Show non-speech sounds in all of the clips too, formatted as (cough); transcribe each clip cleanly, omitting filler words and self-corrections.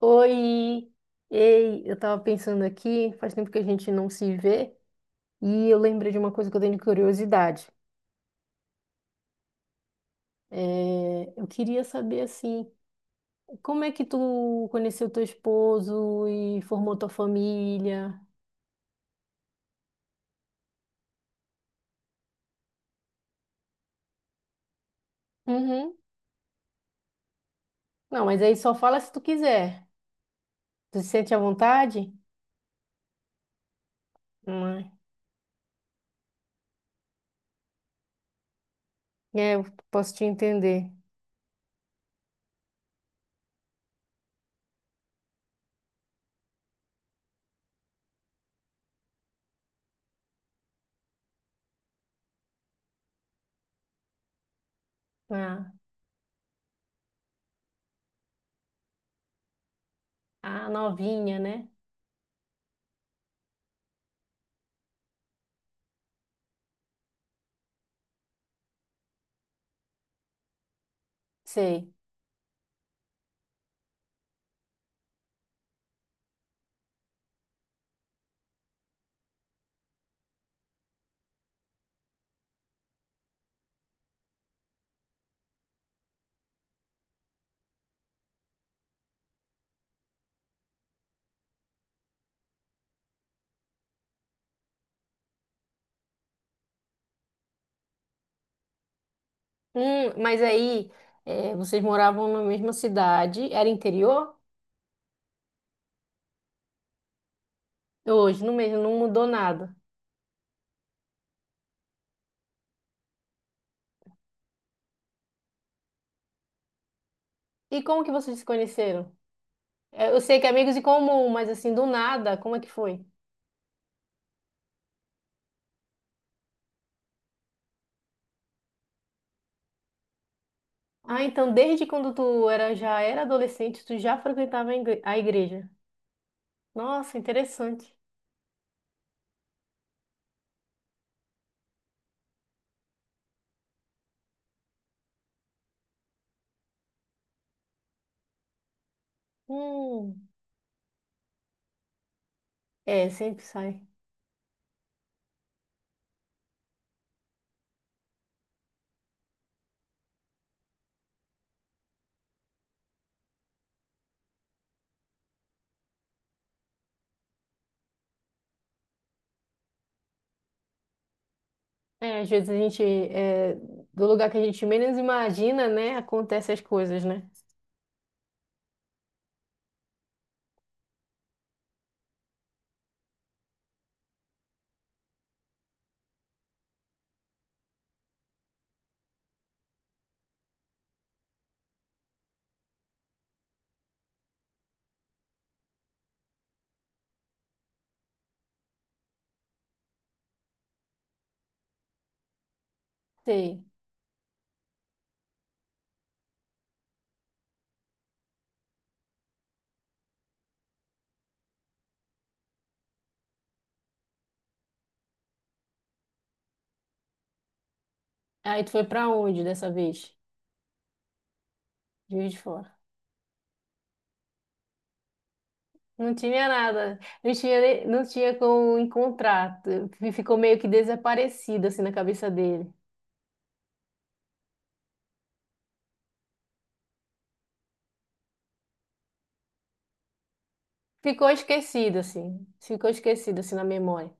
Oi! Ei, eu tava pensando aqui, faz tempo que a gente não se vê, e eu lembrei de uma coisa que eu tenho de curiosidade. É, eu queria saber, assim, como é que tu conheceu teu esposo e formou tua família? Uhum. Não, mas aí só fala se tu quiser. Tu se sente à vontade? Hum. É, eu posso te entender. Ah, a novinha, né? Sei. Mas aí, é, vocês moravam na mesma cidade, era interior? Hoje, no mesmo, não mudou nada. E como que vocês se conheceram? É, eu sei que é amigos em comum, mas assim, do nada, como é que foi? Ah, então desde quando tu era, já era adolescente, tu já frequentava a a igreja. Nossa, interessante. Hum, é, sempre sai. É, às vezes a gente, é, do lugar que a gente menos imagina, né, acontecem as coisas, né? Sei. Aí tu foi pra onde dessa vez? Juiz de Fora. Não tinha nada, não tinha, não tinha como encontrar. Ficou meio que desaparecido assim na cabeça dele. Ficou esquecido assim na memória.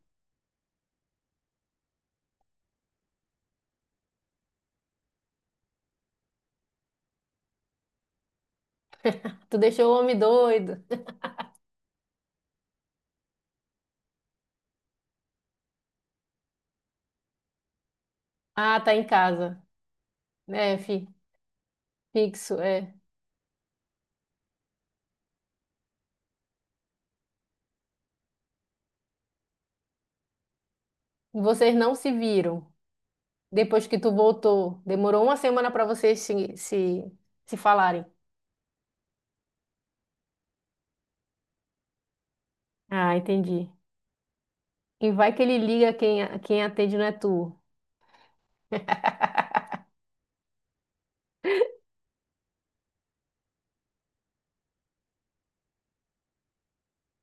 Tu deixou o homem doido. Ah, tá em casa. É, fixo, é. Vocês não se viram depois que tu voltou. Demorou uma semana para vocês se falarem. Ah, entendi. E vai que ele liga, quem, quem atende não é tu.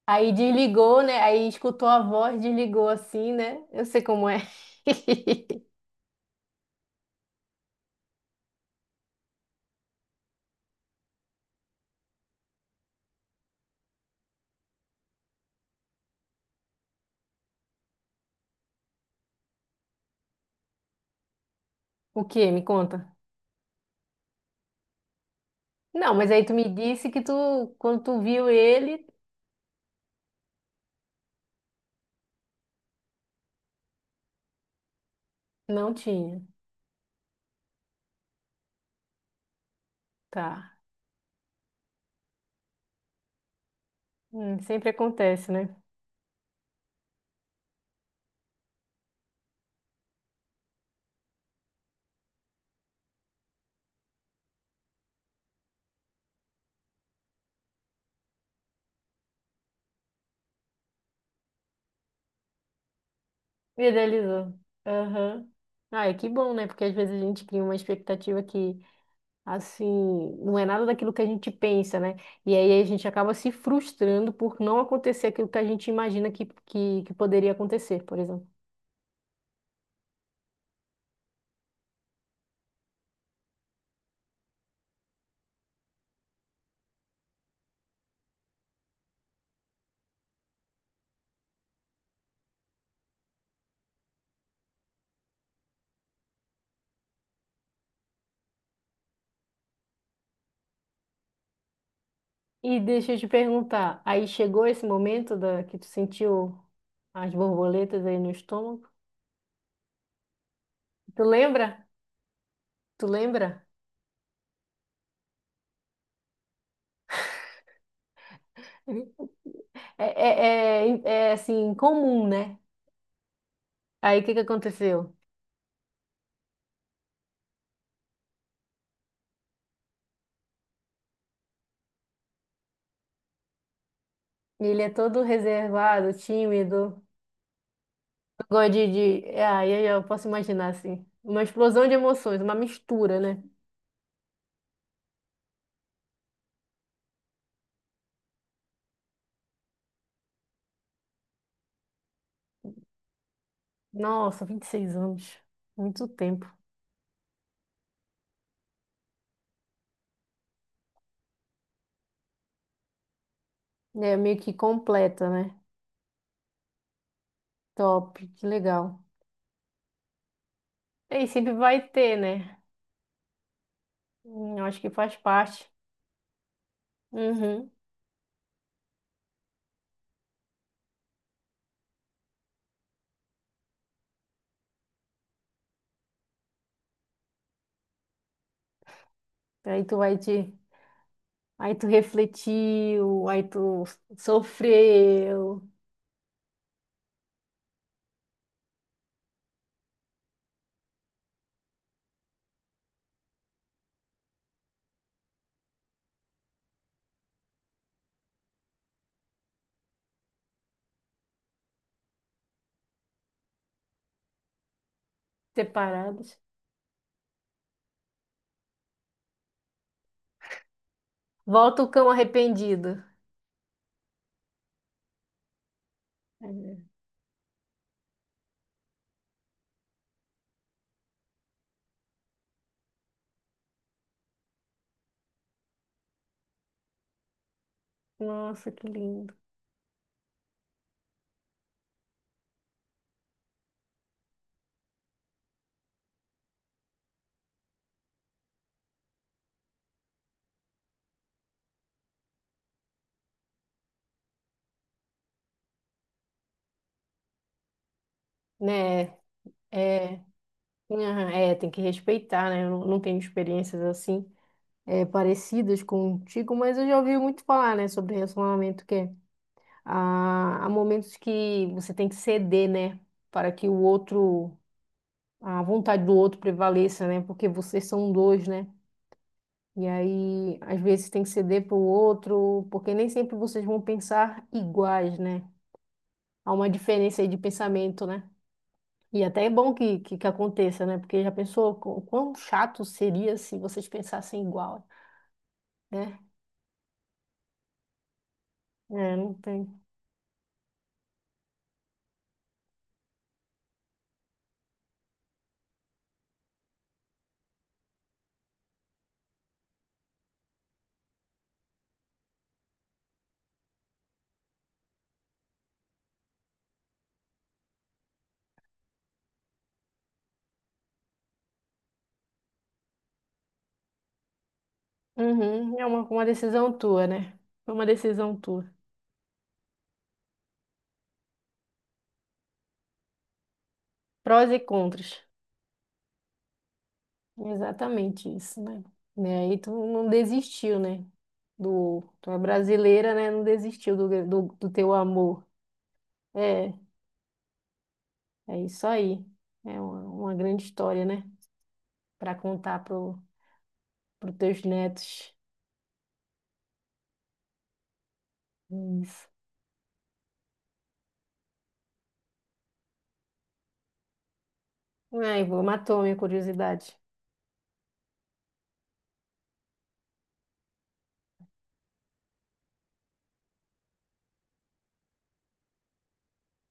Aí desligou, né? Aí escutou a voz, desligou assim, né? Eu sei como é. (laughs) O quê? Me conta. Não, mas aí tu me disse que tu, quando tu viu ele, não tinha. Tá. Sempre acontece, né? Idealizou. Aham. Ah, é que bom, né? Porque às vezes a gente cria uma expectativa que, assim, não é nada daquilo que a gente pensa, né? E aí a gente acaba se frustrando por não acontecer aquilo que a gente imagina que poderia acontecer, por exemplo. E deixa eu te perguntar, aí chegou esse momento da que tu sentiu as borboletas aí no estômago? Tu lembra? Tu lembra? Assim, comum, né? Aí o que que aconteceu? Ele é todo reservado, tímido, gosta de... Aí eu posso imaginar, assim, uma explosão de emoções, uma mistura, né? Nossa, 26 anos, muito tempo. É meio que completa, né? Top, que legal. E sempre vai ter, né? Eu acho que faz parte. Uhum. Aí tu vai te. Aí tu refletiu, aí tu sofreu, separados. Volta o cão arrependido. É. Nossa, que lindo. Né? É, aham, é, tem que respeitar, né? Eu não tenho experiências assim é, parecidas contigo, mas eu já ouvi muito falar, né, sobre relacionamento que é, há momentos que você tem que ceder, né, para que o outro a vontade do outro prevaleça, né? Porque vocês são dois, né? E aí, às vezes, tem que ceder para o outro, porque nem sempre vocês vão pensar iguais, né? Há uma diferença aí de pensamento, né? E até é bom que aconteça, né? Porque já pensou quão chato seria se vocês pensassem igual, né? É, não tem. Uhum, é uma decisão tua, né? É uma decisão tua. Prós e contras. Exatamente isso, né? Né, aí tu não desistiu, né? Do, tu é brasileira, né? Não desistiu do teu amor. É, é isso aí. É uma grande história, né? Para contar pro, pro teus netos. É. Isso. Ai, vou, matou a minha curiosidade.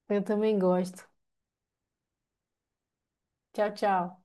Eu também gosto. Tchau, tchau.